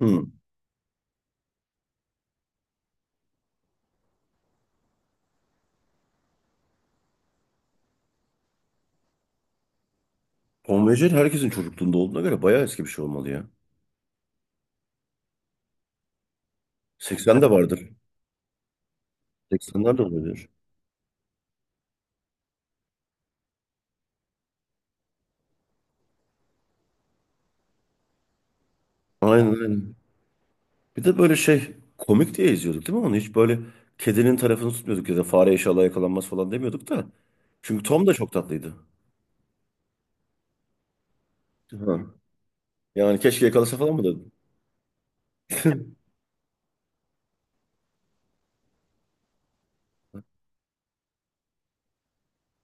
Hı. Konvejel herkesin çocukluğunda olduğuna göre bayağı eski bir şey olmalı ya. 80 vardır. 80'ler de olabilir. Aynen aynen. Bir de böyle şey komik diye izliyorduk değil mi onu? Hiç böyle kedinin tarafını tutmuyorduk ya da fare inşallah yakalanmaz falan demiyorduk da. Çünkü Tom da çok tatlıydı. Ha. Yani keşke yakalasa falan mı dedim.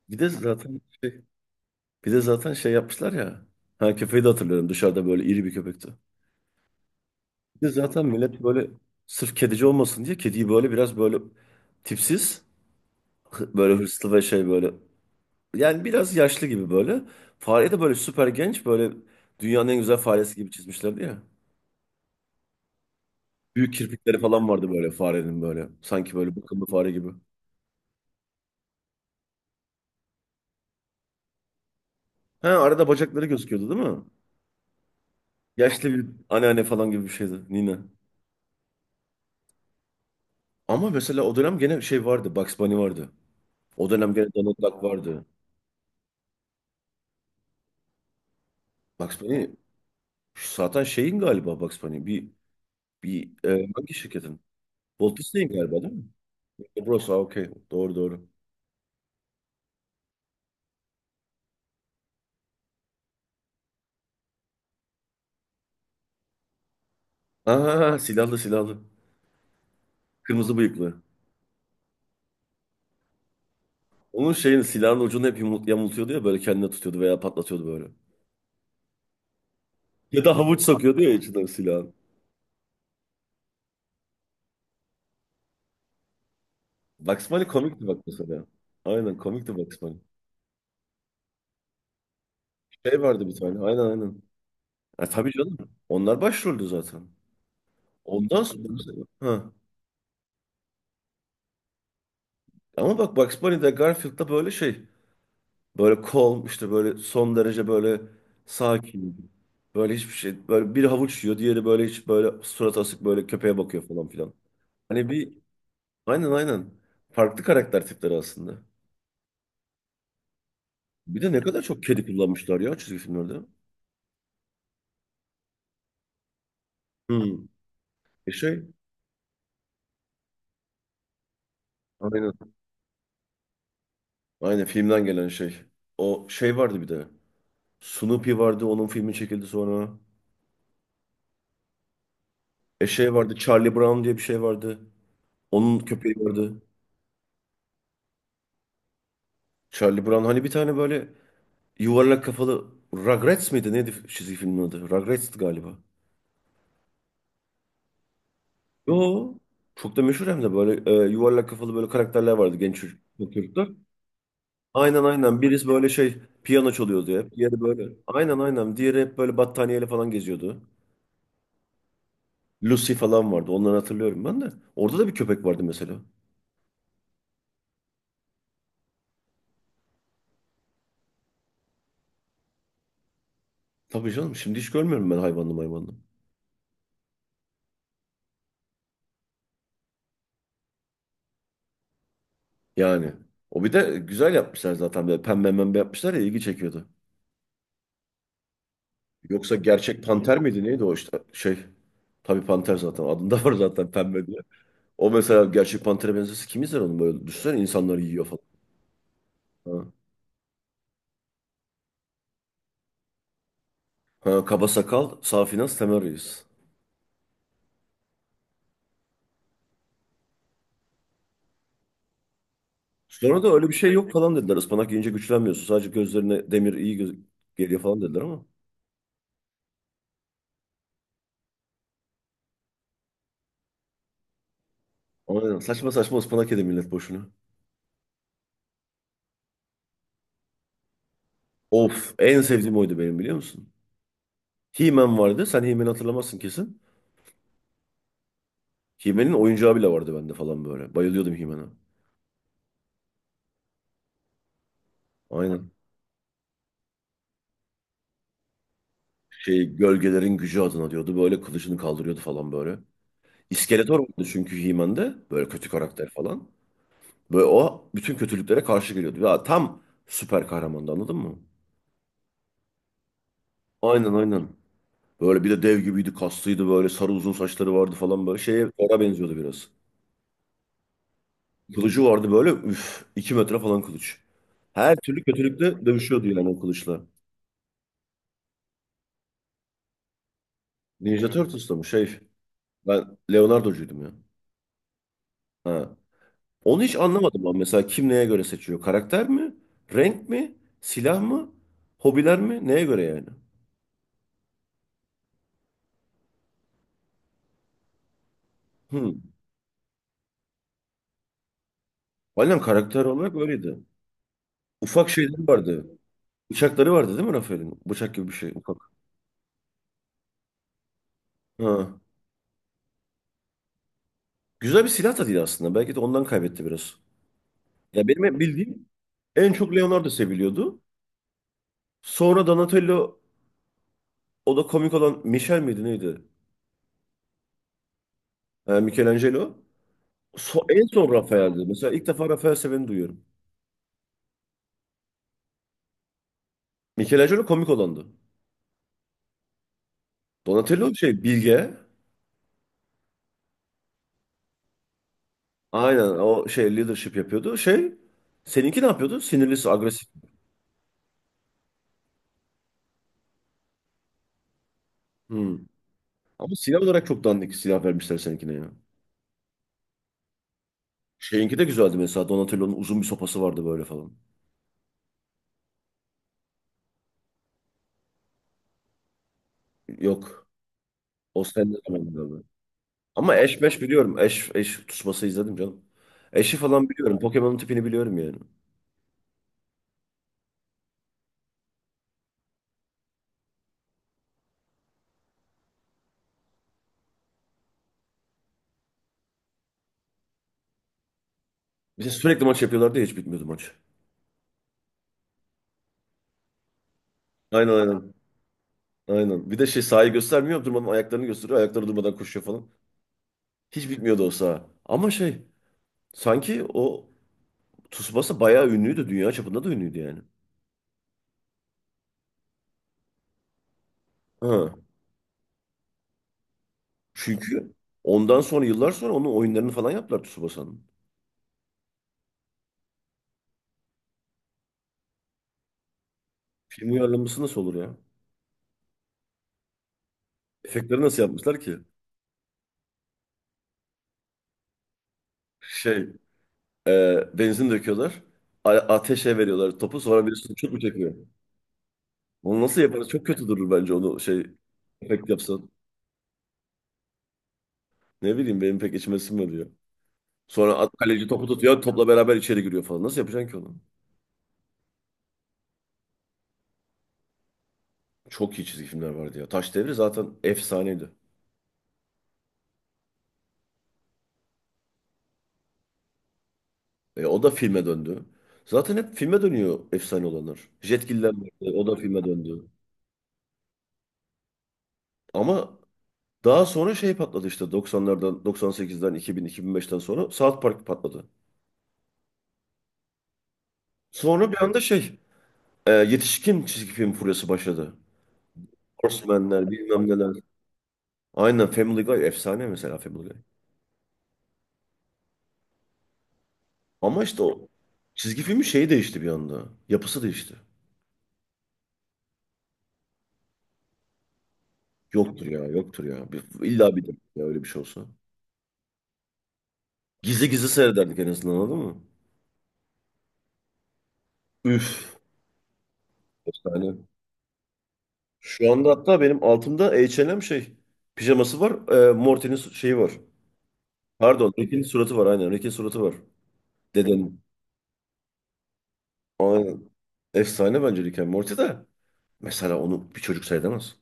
Bir de zaten şey, bir de zaten şey yapmışlar ya. Ha, köpeği de hatırlıyorum, dışarıda böyle iri bir köpekti. Bir de zaten millet böyle sırf kedici olmasın diye kediyi böyle biraz böyle tipsiz, böyle hırslı ve şey böyle. Yani biraz yaşlı gibi böyle. Fareyi de böyle süper genç, böyle dünyanın en güzel faresi gibi çizmişlerdi ya. Büyük kirpikleri falan vardı böyle farenin böyle. Sanki böyle bakımlı fare gibi. Ha, arada bacakları gözüküyordu değil mi? Yaşlı bir anneanne falan gibi bir şeydi Nina. Ama mesela o dönem gene şey vardı. Bugs Bunny vardı. O dönem gene Donald Duck vardı. Bugs Bunny şu zaten şeyin galiba, Bugs Bunny. Bir, bir hangi şirketin? Walt Disney'in galiba değil mi? Burası okey. Doğru doğru. Aha, silahlı silahlı. Kırmızı bıyıklı. Onun şeyin silahın ucunu hep yamultuyordu ya, böyle kendine tutuyordu veya patlatıyordu böyle. Ya da havuç sokuyordu ya içinden silahın. Bugs Bunny komikti bak mesela. Aynen, komikti Bugs Bunny. Şey vardı bir tane, aynen aynen. Ha, tabii canım, onlar başroldü zaten. Ondan sonra mesela. Ha. Ama bak, Bugs Bunny'de, Garfield'da böyle şey. Böyle calm, işte böyle son derece böyle sakin. Böyle hiçbir şey. Böyle bir havuç yiyor, diğeri böyle hiç, böyle surat asık, böyle köpeğe bakıyor falan filan. Hani bir, aynen aynen. Farklı karakter tipleri aslında. Bir de ne kadar çok kedi kullanmışlar ya çizgi filmlerde. Hmm. Şey, aynen. Aynen, filmden gelen şey. O şey vardı bir de. Snoopy vardı, onun filmi çekildi sonra. Şey vardı, Charlie Brown diye bir şey vardı. Onun köpeği vardı. Charlie Brown, hani bir tane böyle yuvarlak kafalı. Rugrats mıydı? Neydi çizgi filmin adı? Rugrats'tı galiba. Yo. Çok da meşhur hem de, böyle yuvarlak kafalı böyle karakterler vardı, çocuklar. Aynen aynen. Birisi böyle şey, piyano çalıyordu hep. Diğeri böyle. Aynen aynen. Diğeri hep böyle battaniyeyle falan geziyordu. Lucy falan vardı. Onları hatırlıyorum ben de. Orada da bir köpek vardı mesela. Tabii canım. Şimdi hiç görmüyorum ben, hayvanlı hayvanlı. Yani. O bir de güzel yapmışlar zaten. Böyle pembe pembe yapmışlar ya, ilgi çekiyordu. Yoksa gerçek panter miydi, neydi o işte, şey. Tabii panter zaten adında var zaten, pembe diye. O mesela gerçek pantere benzesi kim izler onu, böyle düşünsene, insanları yiyor falan. Ha. Ha, kaba sakal, safi nas, Temel Reis. Sonra da öyle bir şey yok falan dediler. Ispanak yiyince güçlenmiyorsun. Sadece gözlerine, demir iyi geliyor falan dediler ama. Aynen. Saçma saçma ıspanak yedi millet boşuna. Of, en sevdiğim oydu benim, biliyor musun? He-Man vardı. Sen He-Man'i hatırlamazsın kesin. He-Man'in oyuncağı bile vardı bende falan böyle. Bayılıyordum He-Man'a. Aynen. Şey, gölgelerin gücü adına diyordu. Böyle kılıcını kaldırıyordu falan böyle. İskeletor vardı çünkü He-Man'de. Böyle kötü karakter falan. Böyle o bütün kötülüklere karşı geliyordu. Ya tam süper kahramandı, anladın mı? Aynen aynen. Böyle bir de dev gibiydi, kaslıydı, böyle sarı uzun saçları vardı falan, böyle şeye, Thor'a benziyordu biraz. Kılıcı vardı böyle, üf, 2 metre falan kılıç. Her türlü kötülükle dövüşüyordu yani o kılıçla. Ninja Turtles'ta mı şey? Ben Leonardo'cuydum ya. Ha. Onu hiç anlamadım ben mesela, kim neye göre seçiyor? Karakter mi? Renk mi? Silah mı? Hobiler mi? Neye göre yani? Hmm. Aynen, karakter olarak öyleydi. Ufak şeyleri vardı. Bıçakları vardı değil mi Rafael'in? Bıçak gibi bir şey, ufak. Ha. Güzel bir silah da değil aslında. Belki de ondan kaybetti biraz. Ya, benim hep bildiğim en çok Leonardo seviliyordu. Sonra Donatello, o da komik olan, Michel miydi, neydi? Ha, Michelangelo. En son Rafael'di. Mesela ilk defa Rafael seveni duyuyorum. Michelangelo komik olandı. Donatello şey, bilge. Aynen, o şey leadership yapıyordu. Şey, seninki ne yapıyordu? Sinirlisi, agresif. Hmm. Ama silah olarak çok dandik silah vermişler seninkine ya. Şeyinki de güzeldi mesela. Donatello'nun uzun bir sopası vardı böyle falan. Yok. O sende. Ama eş meş biliyorum. Eş, eş tutuşması izledim canım. Eşi falan biliyorum. Pokemon'un tipini biliyorum yani. Bir de sürekli maç yapıyorlardı ya, hiç bitmiyordu maç. Aynen aynen. Aynen. Bir de şey, sahayı göstermiyor. Durmadan ayaklarını gösteriyor. Ayakları durmadan koşuyor falan. Hiç bitmiyordu o saha. Ama şey, sanki o Tsubasa bayağı ünlüydü. Dünya çapında da ünlüydü yani. Ha. Çünkü ondan sonra yıllar sonra onun oyunlarını falan yaptılar, Tsubasa'nın. Film uyarlaması nasıl olur ya? Efektleri nasıl yapmışlar ki? Şey, benzin döküyorlar. Ateşe veriyorlar topu. Sonra birisi çok mu çekiyor? Onu nasıl yaparız? Çok kötü durur bence onu, şey, efekt yapsan. Ne bileyim, benim pek içime sinmiyor. Sonra at, kaleci topu tutuyor. Topla beraber içeri giriyor falan. Nasıl yapacaksın ki onu? Çok iyi çizgi filmler vardı ya. Taş Devri zaten efsaneydi. E, o da filme döndü. Zaten hep filme dönüyor efsane olanlar. Jetgiller vardı. O da filme döndü. Ama daha sonra şey patladı, işte 90'lardan, 98'den, 2000, 2005'ten sonra South Park patladı. Sonra bir anda şey, yetişkin çizgi film furyası başladı. Horsemenler, bilmem neler. Aynen, Family Guy efsane mesela, Family Guy. Ama işte o çizgi filmin şeyi değişti bir anda. Yapısı değişti. Yoktur ya, yoktur ya. İlla bir de, ya öyle bir şey olsa. Gizli gizli seyrederdik en azından, anladın mı? Üf. Efsane. Şu anda hatta benim altımda H&M şey. Pijaması var. Morty'nin şeyi var. Pardon. Rick'in suratı var, aynen. Rick'in suratı var. Dedenin. Aynen. Efsane bence Rick and Morty de. Mesela onu bir çocuk seyredemez.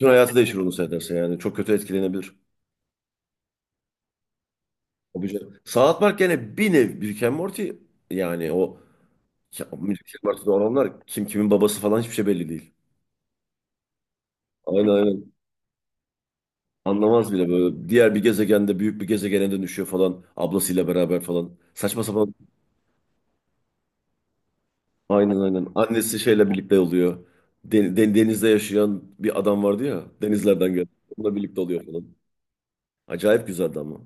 Bütün hayatı değişir onu seyrederse yani. Çok kötü etkilenebilir. Tabii canım. South Park gene bir nev Rick and Morty, yani o, ya, Rick and Morty'de olanlar kim kimin babası falan hiçbir şey belli değil. Aynen aynen. Anlamaz bile böyle. Diğer bir gezegende büyük bir gezegene dönüşüyor falan. Ablasıyla beraber falan. Saçma sapan. Aynen aynen. Annesi şeyle birlikte oluyor. Denizde yaşayan bir adam vardı ya. Denizlerden geldi. Onunla birlikte oluyor falan. Acayip güzeldi ama.